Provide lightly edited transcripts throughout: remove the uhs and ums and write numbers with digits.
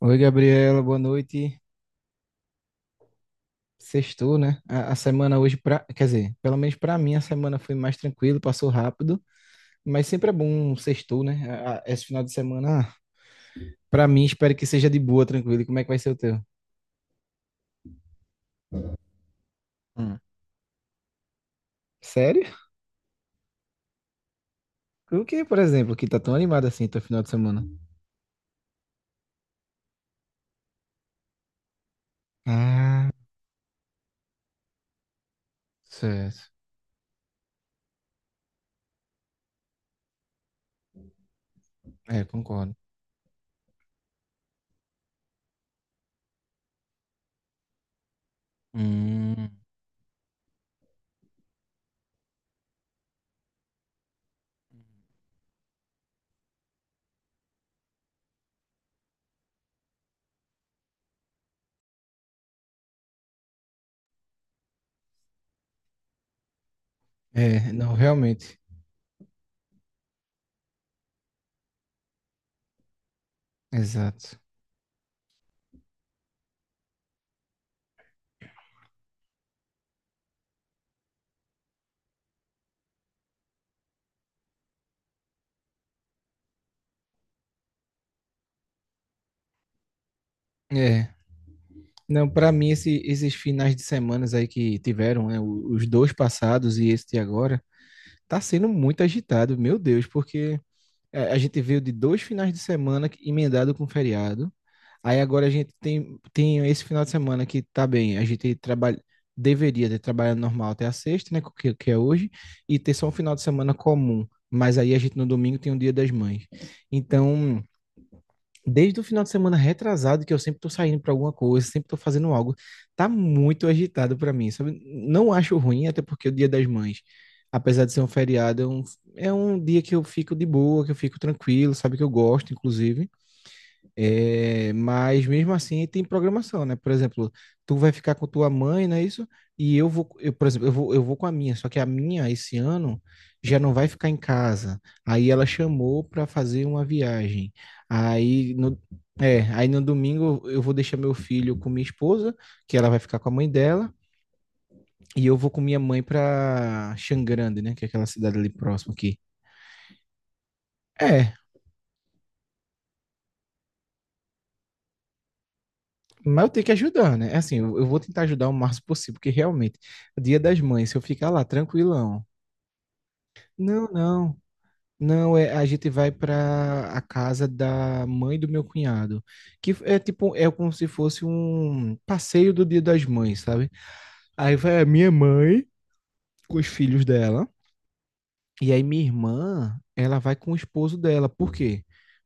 Oi, Gabriela, boa noite. Sextou, né? A semana hoje, pra, quer dizer, pelo menos para mim, a semana foi mais tranquila, passou rápido, mas sempre é bom um sextou, né? Esse final de semana, para mim, espero que seja de boa, tranquilo. E como é que vai ser o teu? Hum. Sério? O que, por exemplo, que tá tão animado assim teu final de semana? Ah, certo. É, concordo. Hum. É, não, realmente. Exato. É. Não, pra mim, esses finais de semanas aí que tiveram, né? Os dois passados e este agora tá sendo muito agitado, meu Deus, porque a gente veio de dois finais de semana emendado com feriado. Aí agora a gente tem esse final de semana que tá bem, a gente trabalha, deveria ter trabalhado normal até a sexta, né, que é hoje, e ter só um final de semana comum. Mas aí a gente no domingo tem o Dia das Mães. Então, desde o final de semana retrasado, que eu sempre tô saindo pra alguma coisa, sempre tô fazendo algo, tá muito agitado pra mim, sabe? Não acho ruim, até porque é o Dia das Mães, apesar de ser um feriado, é um dia que eu fico de boa, que eu fico tranquilo, sabe? Que eu gosto, inclusive. É, mas mesmo assim tem programação, né? Por exemplo, tu vai ficar com tua mãe, não é isso? E eu vou, eu, por exemplo, eu vou com a minha, só que a minha esse ano já não vai ficar em casa. Aí ela chamou para fazer uma viagem. Aí no, aí no domingo eu vou deixar meu filho com minha esposa, que ela vai ficar com a mãe dela, e eu vou com minha mãe para Xangrande, né? Que é aquela cidade ali próxima aqui. É, mas eu tenho que ajudar, né? É. Assim, eu vou tentar ajudar o máximo possível, porque realmente, Dia das Mães, se eu ficar lá tranquilão, não, não, não, a gente vai para a casa da mãe do meu cunhado, que é tipo, é como se fosse um passeio do Dia das Mães, sabe? Aí vai a minha mãe com os filhos dela. E aí minha irmã, ela vai com o esposo dela. Por quê?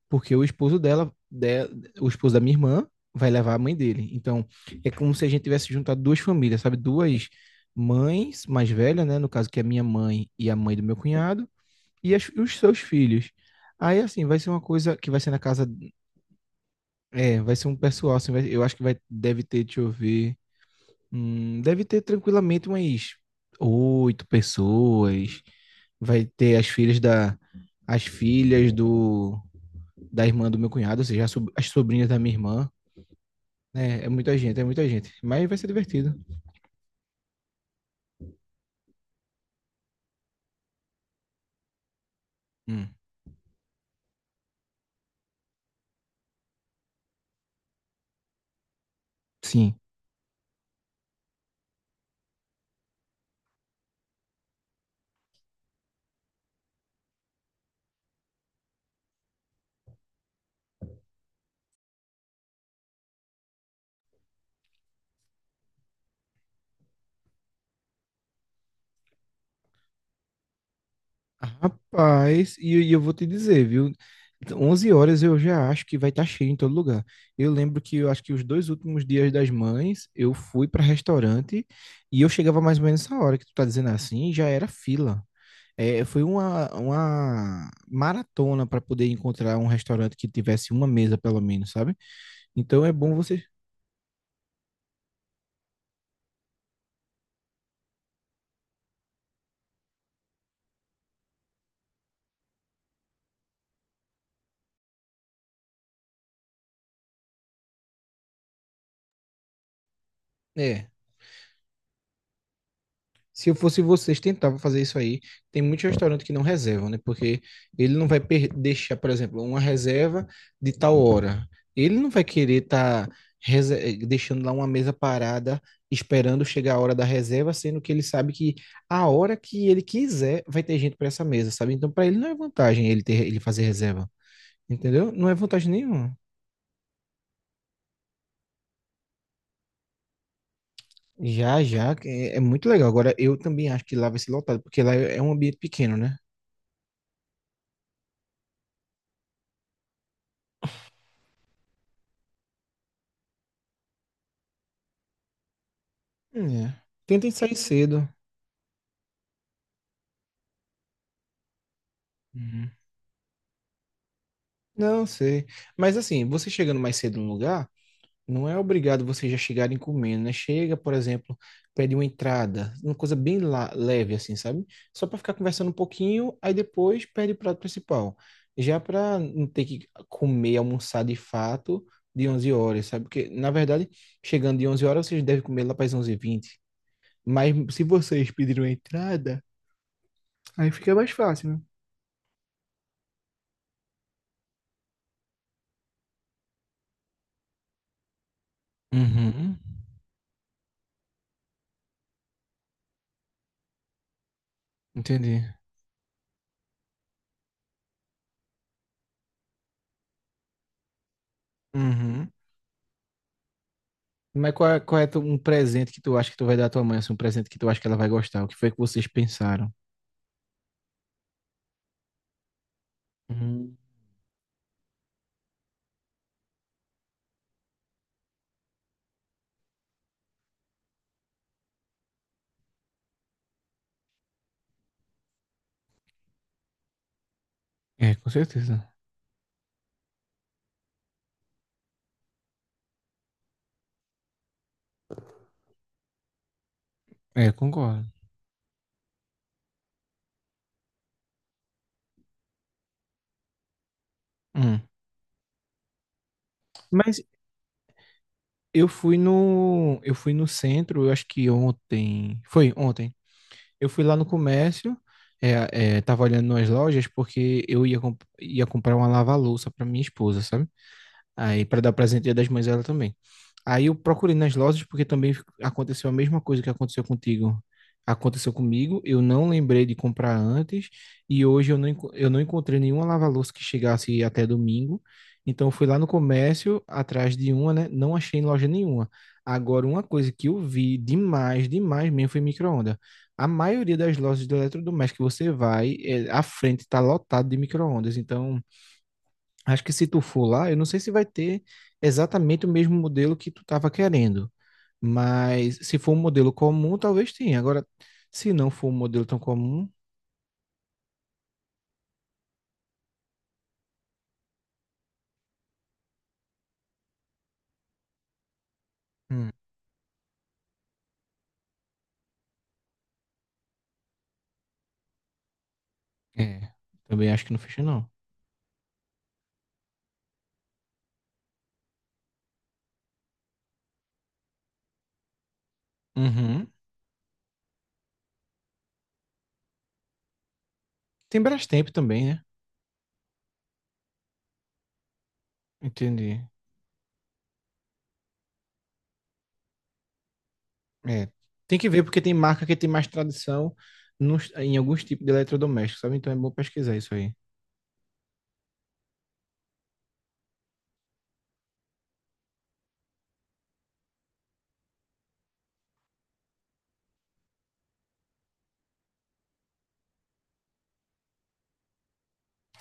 Porque o esposo dela, o esposo da minha irmã, vai levar a mãe dele. Então, é como se a gente tivesse juntado duas famílias, sabe? Duas mães mais velhas, né? No caso, que é a minha mãe e a mãe do meu cunhado, e os seus filhos. Aí, assim, vai ser uma coisa que vai ser na casa. É, vai ser um pessoal, assim, eu acho que vai, deve ter, deixa eu ver. Deve ter tranquilamente umas oito pessoas. Vai ter as filhas da irmã do meu cunhado, ou seja, as sobrinhas da minha irmã. é, muita gente, é muita gente. Mas vai ser divertido. Hum. Sim. Rapaz, e eu vou te dizer, viu? 11 horas eu já acho que vai estar cheio em todo lugar. Eu lembro que eu acho que os dois últimos Dias das Mães, eu fui para restaurante e eu chegava mais ou menos essa hora que tu tá dizendo assim, já era fila. É, foi uma maratona para poder encontrar um restaurante que tivesse uma mesa, pelo menos, sabe? Então é bom você. É. Se eu fosse vocês, tentava fazer isso aí. Tem muitos restaurantes que não reservam, né? Porque ele não vai deixar, por exemplo, uma reserva de tal hora. Ele não vai querer estar deixando lá uma mesa parada, esperando chegar a hora da reserva, sendo que ele sabe que a hora que ele quiser vai ter gente para essa mesa, sabe? Então, para ele não é vantagem ele ter, ele fazer reserva. Entendeu? Não é vantagem nenhuma. Já, já, é, muito legal. Agora, eu também acho que lá vai ser lotado, porque lá é um ambiente pequeno, né? É. Tentem sair cedo. Uhum. Não sei. Mas assim, você chegando mais cedo no lugar. Não é obrigado vocês já chegarem comendo, né? Chega, por exemplo, pede uma entrada, uma coisa bem leve, assim, sabe? Só para ficar conversando um pouquinho, aí depois pede o prato principal. Já para não ter que comer, almoçar de fato de 11 horas, sabe? Porque, na verdade, chegando de 11 horas, vocês devem comer lá para as onze h 20. Mas se vocês pediram a entrada, aí fica mais fácil, né? Uhum, entendi. Uhum. Mas qual é, um presente que tu acha que tu vai dar à tua mãe? Assim, um presente que tu acha que ela vai gostar? O que foi que vocês pensaram? Hum. É, com certeza. É, concordo. Hum. Mas eu fui no, centro, eu acho que ontem, foi ontem. Eu fui lá no comércio, tava olhando nas lojas porque ia comprar uma lava-louça para minha esposa, sabe? Aí para dar presente Dia das Mães a ela também. Aí eu procurei nas lojas porque também aconteceu a mesma coisa que aconteceu contigo. Aconteceu comigo, eu não lembrei de comprar antes e hoje eu não encontrei nenhuma lava-louça que chegasse até domingo. Então eu fui lá no comércio atrás de uma, né? Não achei em loja nenhuma. Agora, uma coisa que eu vi demais, demais mesmo foi micro-onda. A maioria das lojas de eletrodoméstico que você vai, a frente está lotada de micro-ondas. Então, acho que se tu for lá, eu não sei se vai ter exatamente o mesmo modelo que tu estava querendo, mas se for um modelo comum, talvez tenha. Agora, se não for um modelo tão comum, hum, é, também acho que não fecha não. Uhum. Tem Brastemp também, né? Entendi. É, tem que ver porque tem marca que tem mais tradição em alguns tipos de eletrodomésticos, sabe? Então é bom pesquisar isso aí.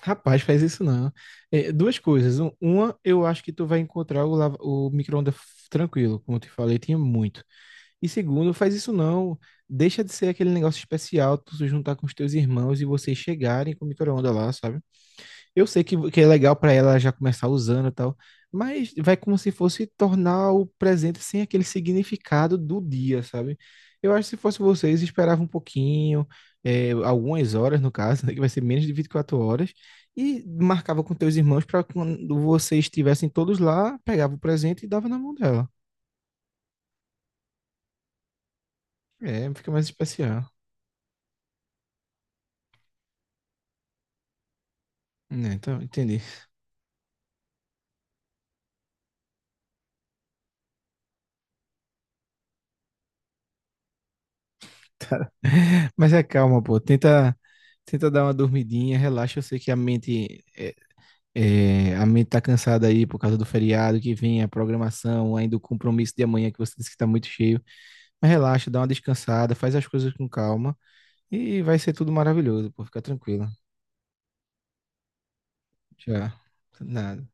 Rapaz, faz isso não. É, duas coisas. Uma, eu acho que tu vai encontrar o micro-ondas tranquilo, como eu te falei, tinha muito. E segundo, faz isso não. Deixa de ser aquele negócio especial, tu se juntar com os teus irmãos e vocês chegarem com o micro-ondas lá, sabe? Eu sei que é legal pra ela já começar usando e tal, mas vai como se fosse tornar o presente sem aquele significado do dia, sabe? Eu acho que se fosse vocês, esperava um pouquinho, algumas horas no caso, né, que vai ser menos de 24 horas, e marcava com teus irmãos pra quando vocês estivessem todos lá, pegava o presente e dava na mão dela. É, fica mais especial. Né, então, entendi. Mas é calma, pô. Tenta dar uma dormidinha, relaxa. Eu sei que a mente tá cansada aí por causa do feriado que vem, a programação, ainda o compromisso de amanhã que você disse que tá muito cheio. Mas relaxa, dá uma descansada, faz as coisas com calma e vai ser tudo maravilhoso, pô. Fica tranquila. Já, nada.